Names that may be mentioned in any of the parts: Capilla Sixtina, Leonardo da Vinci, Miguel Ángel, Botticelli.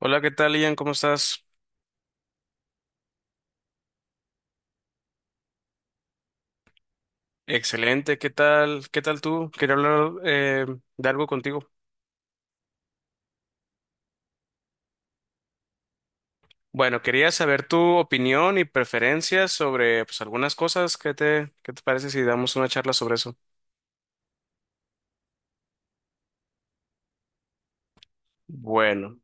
Hola, ¿qué tal, Ian? ¿Cómo estás? Excelente, ¿qué tal? ¿Qué tal tú? Quería hablar de algo contigo. Bueno, quería saber tu opinión y preferencias sobre pues, algunas cosas. ¿Qué te parece si damos una charla sobre eso? Bueno,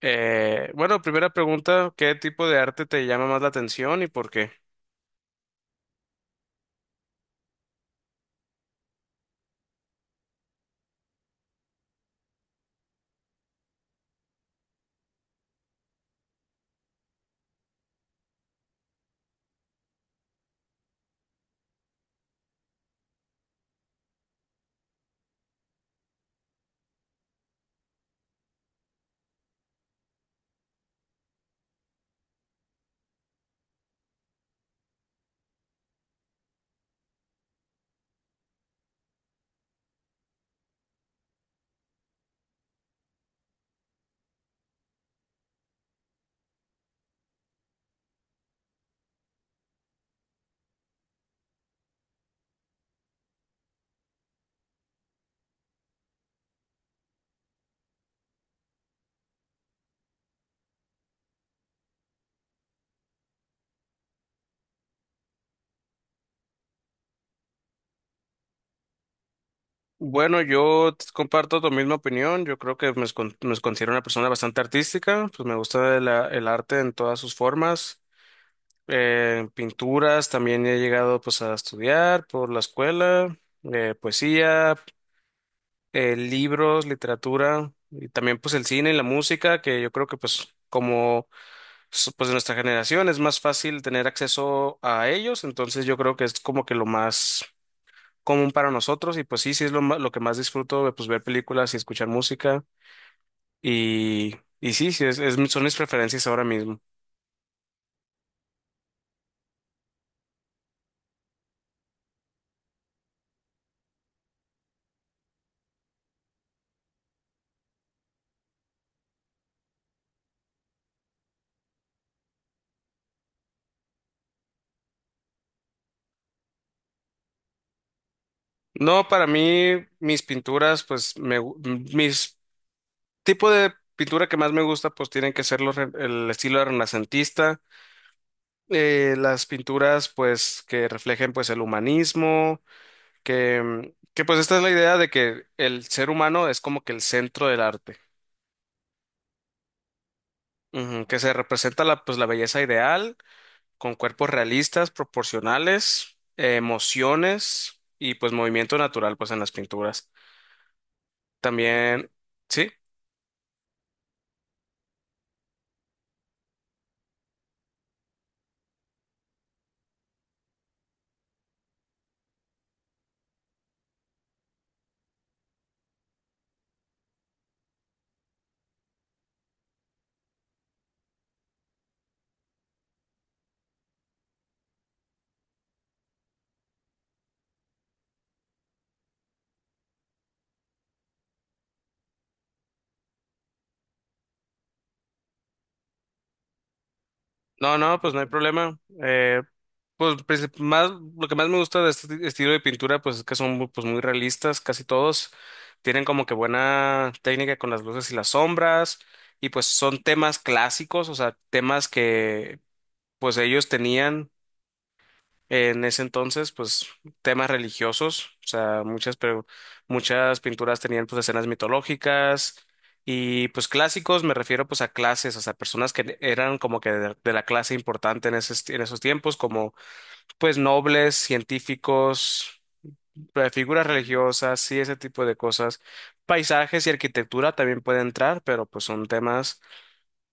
bueno, primera pregunta, ¿qué tipo de arte te llama más la atención y por qué? Bueno, comparto tu misma opinión. Yo creo que me considero una persona bastante artística. Pues me gusta el arte en todas sus formas. Pinturas también he llegado pues a estudiar por la escuela, poesía, libros, literatura y también pues el cine y la música, que yo creo que pues como pues de nuestra generación es más fácil tener acceso a ellos, entonces yo creo que es como que lo más común para nosotros. Y pues sí, sí es lo que más disfruto, pues ver películas y escuchar música y, y sí, sí es, son mis preferencias ahora mismo. No, para mí mis pinturas, pues me, gu- mis tipo de pintura que más me gusta, pues tienen que ser el estilo renacentista, las pinturas, pues, que reflejen, pues, el humanismo, que, que, pues, esta es la idea de que el ser humano es como que el centro del arte. Ujú, que se representa la, pues, la belleza ideal con cuerpos realistas, proporcionales, emociones y, pues, movimiento natural, pues, en las pinturas. También, ¿sí? No, no, pues no hay problema. Pues más, lo que más me gusta de este estilo de pintura, pues es que son muy, pues, muy realistas, casi todos. Tienen como que buena técnica con las luces y las sombras. Y pues son temas clásicos, o sea, temas que pues ellos tenían. En ese entonces, pues temas religiosos, o sea, muchas, pero muchas pinturas tenían pues escenas mitológicas. Y pues clásicos, me refiero pues a clases, o sea, personas que eran como que de la clase importante en en esos tiempos, como pues nobles, científicos, figuras religiosas, sí, ese tipo de cosas. Paisajes y arquitectura también puede entrar, pero pues son temas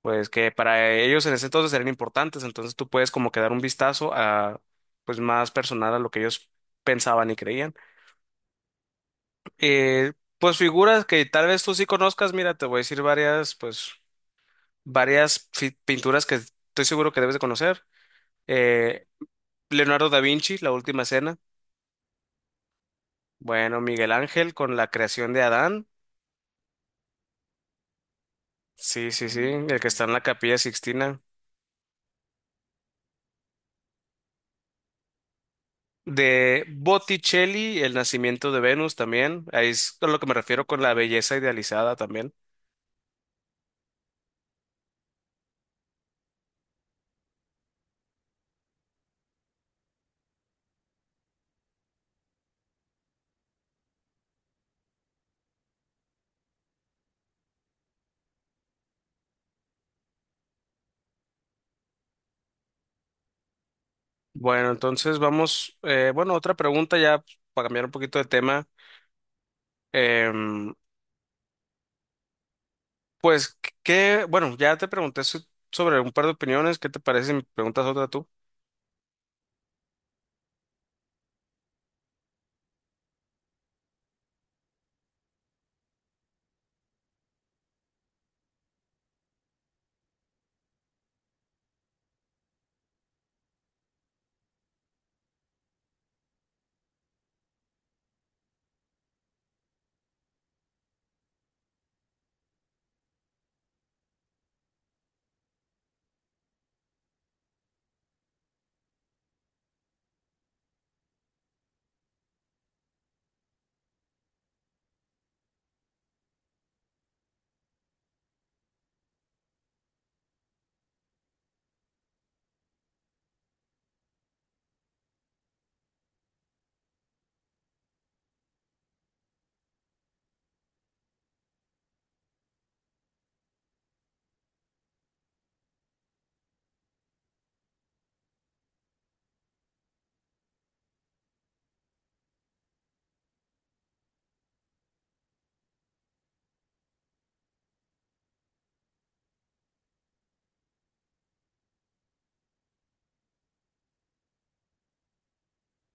pues que para ellos en ese entonces eran importantes, entonces tú puedes como que dar un vistazo a, pues más personal, a lo que ellos pensaban y creían. Eh, pues figuras que tal vez tú sí conozcas, mira, te voy a decir varias, pues pinturas que estoy seguro que debes de conocer. Eh, Leonardo da Vinci, La Última Cena. Bueno, Miguel Ángel con la creación de Adán. Sí, sí, sí, el que está en la Capilla Sixtina. De Botticelli, El nacimiento de Venus también. Ahí es a lo que me refiero con la belleza idealizada también. Bueno, entonces vamos, otra pregunta ya, para cambiar un poquito de tema. Em, pues, ¿qué? Bueno, ya te pregunté sobre un par de opiniones. ¿Qué te parece si me preguntas otra tú?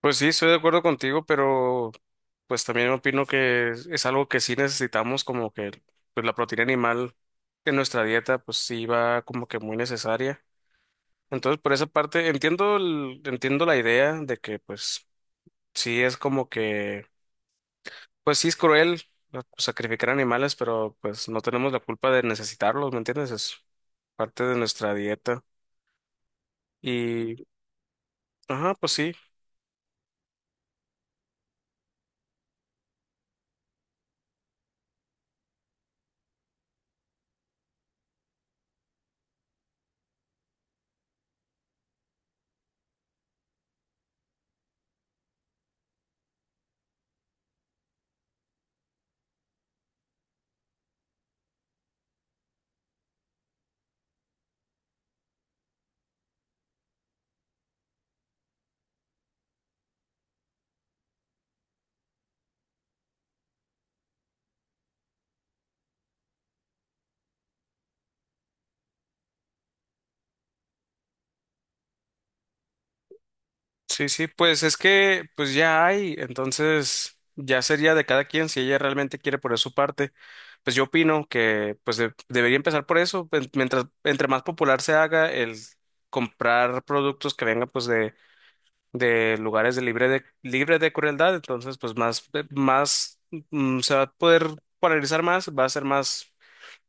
Pues sí, estoy de acuerdo contigo, pero pues también opino que es algo que sí necesitamos, como que pues, la proteína animal en nuestra dieta, pues sí va como que muy necesaria. Entonces, por esa parte, entiendo entiendo la idea de que, pues, sí es como que, pues sí es cruel, ¿no?, sacrificar animales, pero pues no tenemos la culpa de necesitarlos, ¿me entiendes? Es parte de nuestra dieta. Y, ajá, pues sí, sí, sí, pues es que, pues ya hay, entonces ya sería de cada quien si ella realmente quiere poner su parte. Pues yo opino que, pues debería empezar por eso, pues, mientras, entre más popular se haga el comprar productos que vengan, pues, de lugares de libre de libre de crueldad, entonces pues más, más, se va a poder polarizar más, va a ser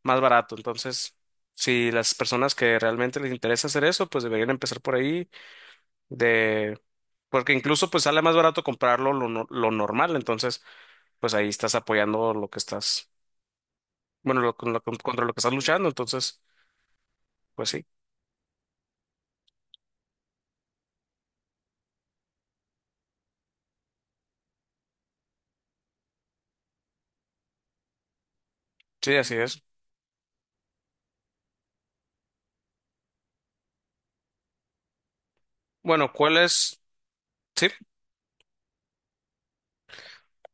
más barato. Entonces, si las personas que realmente les interesa hacer eso, pues deberían empezar por ahí, de, porque incluso pues sale más barato comprarlo lo, no- lo normal, entonces pues ahí estás apoyando lo que estás, contra lo que estás luchando, entonces pues sí. Sí, así es. Bueno, ¿cuál es? Sí.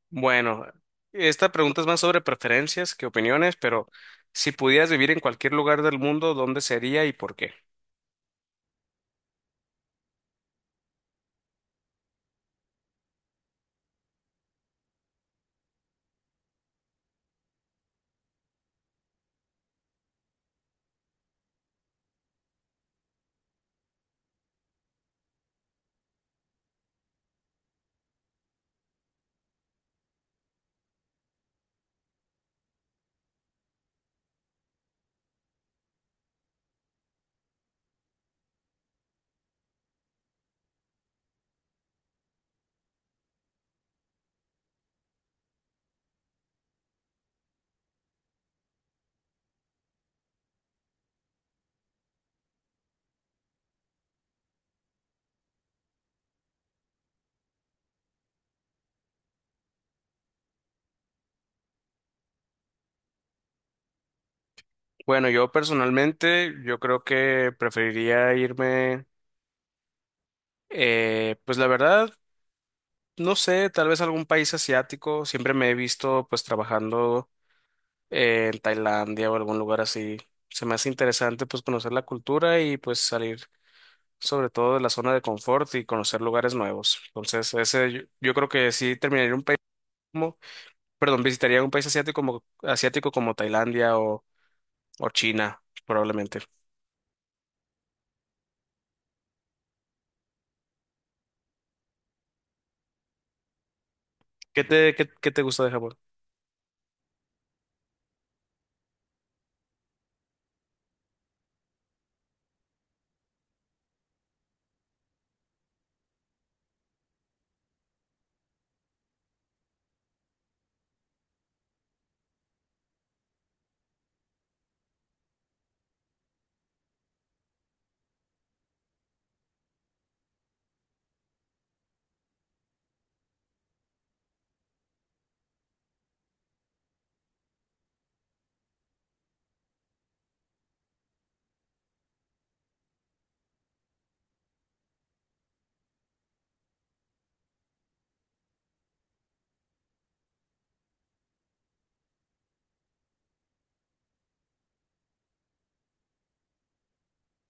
Bueno, esta pregunta es más sobre preferencias que opiniones, pero si pudieras vivir en cualquier lugar del mundo, ¿dónde sería y por qué? Bueno, yo personalmente, yo creo que preferiría irme, pues la verdad, no sé, tal vez algún país asiático. Siempre me he visto pues trabajando en Tailandia o algún lugar así. Se me hace interesante pues conocer la cultura y pues salir sobre todo de la zona de confort y conocer lugares nuevos. Entonces, ese, yo creo que sí terminaría en un país, perdón, visitaría un país asiático como Tailandia o China, probablemente. ¿Qué te gusta de Japón?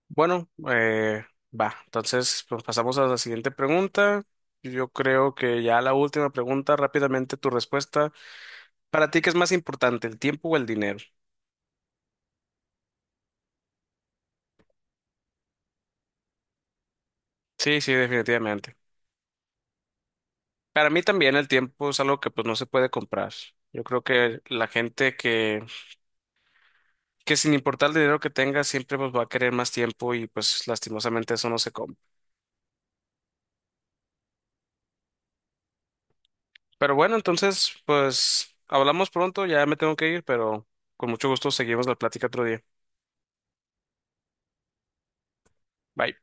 Bueno, va, entonces pues, pasamos a la siguiente pregunta. Yo creo que ya la última pregunta, rápidamente tu respuesta. ¿Para ti qué es más importante, el tiempo o el dinero? Sí, sí, definitivamente. Para mí también el tiempo es algo que pues no se puede comprar. Yo creo que la gente que sin importar el dinero que tenga siempre pues va a querer más tiempo y pues lastimosamente eso no se compra. Pero bueno, entonces, pues hablamos pronto, ya me tengo que ir, pero con mucho gusto seguimos la plática otro día. Bye.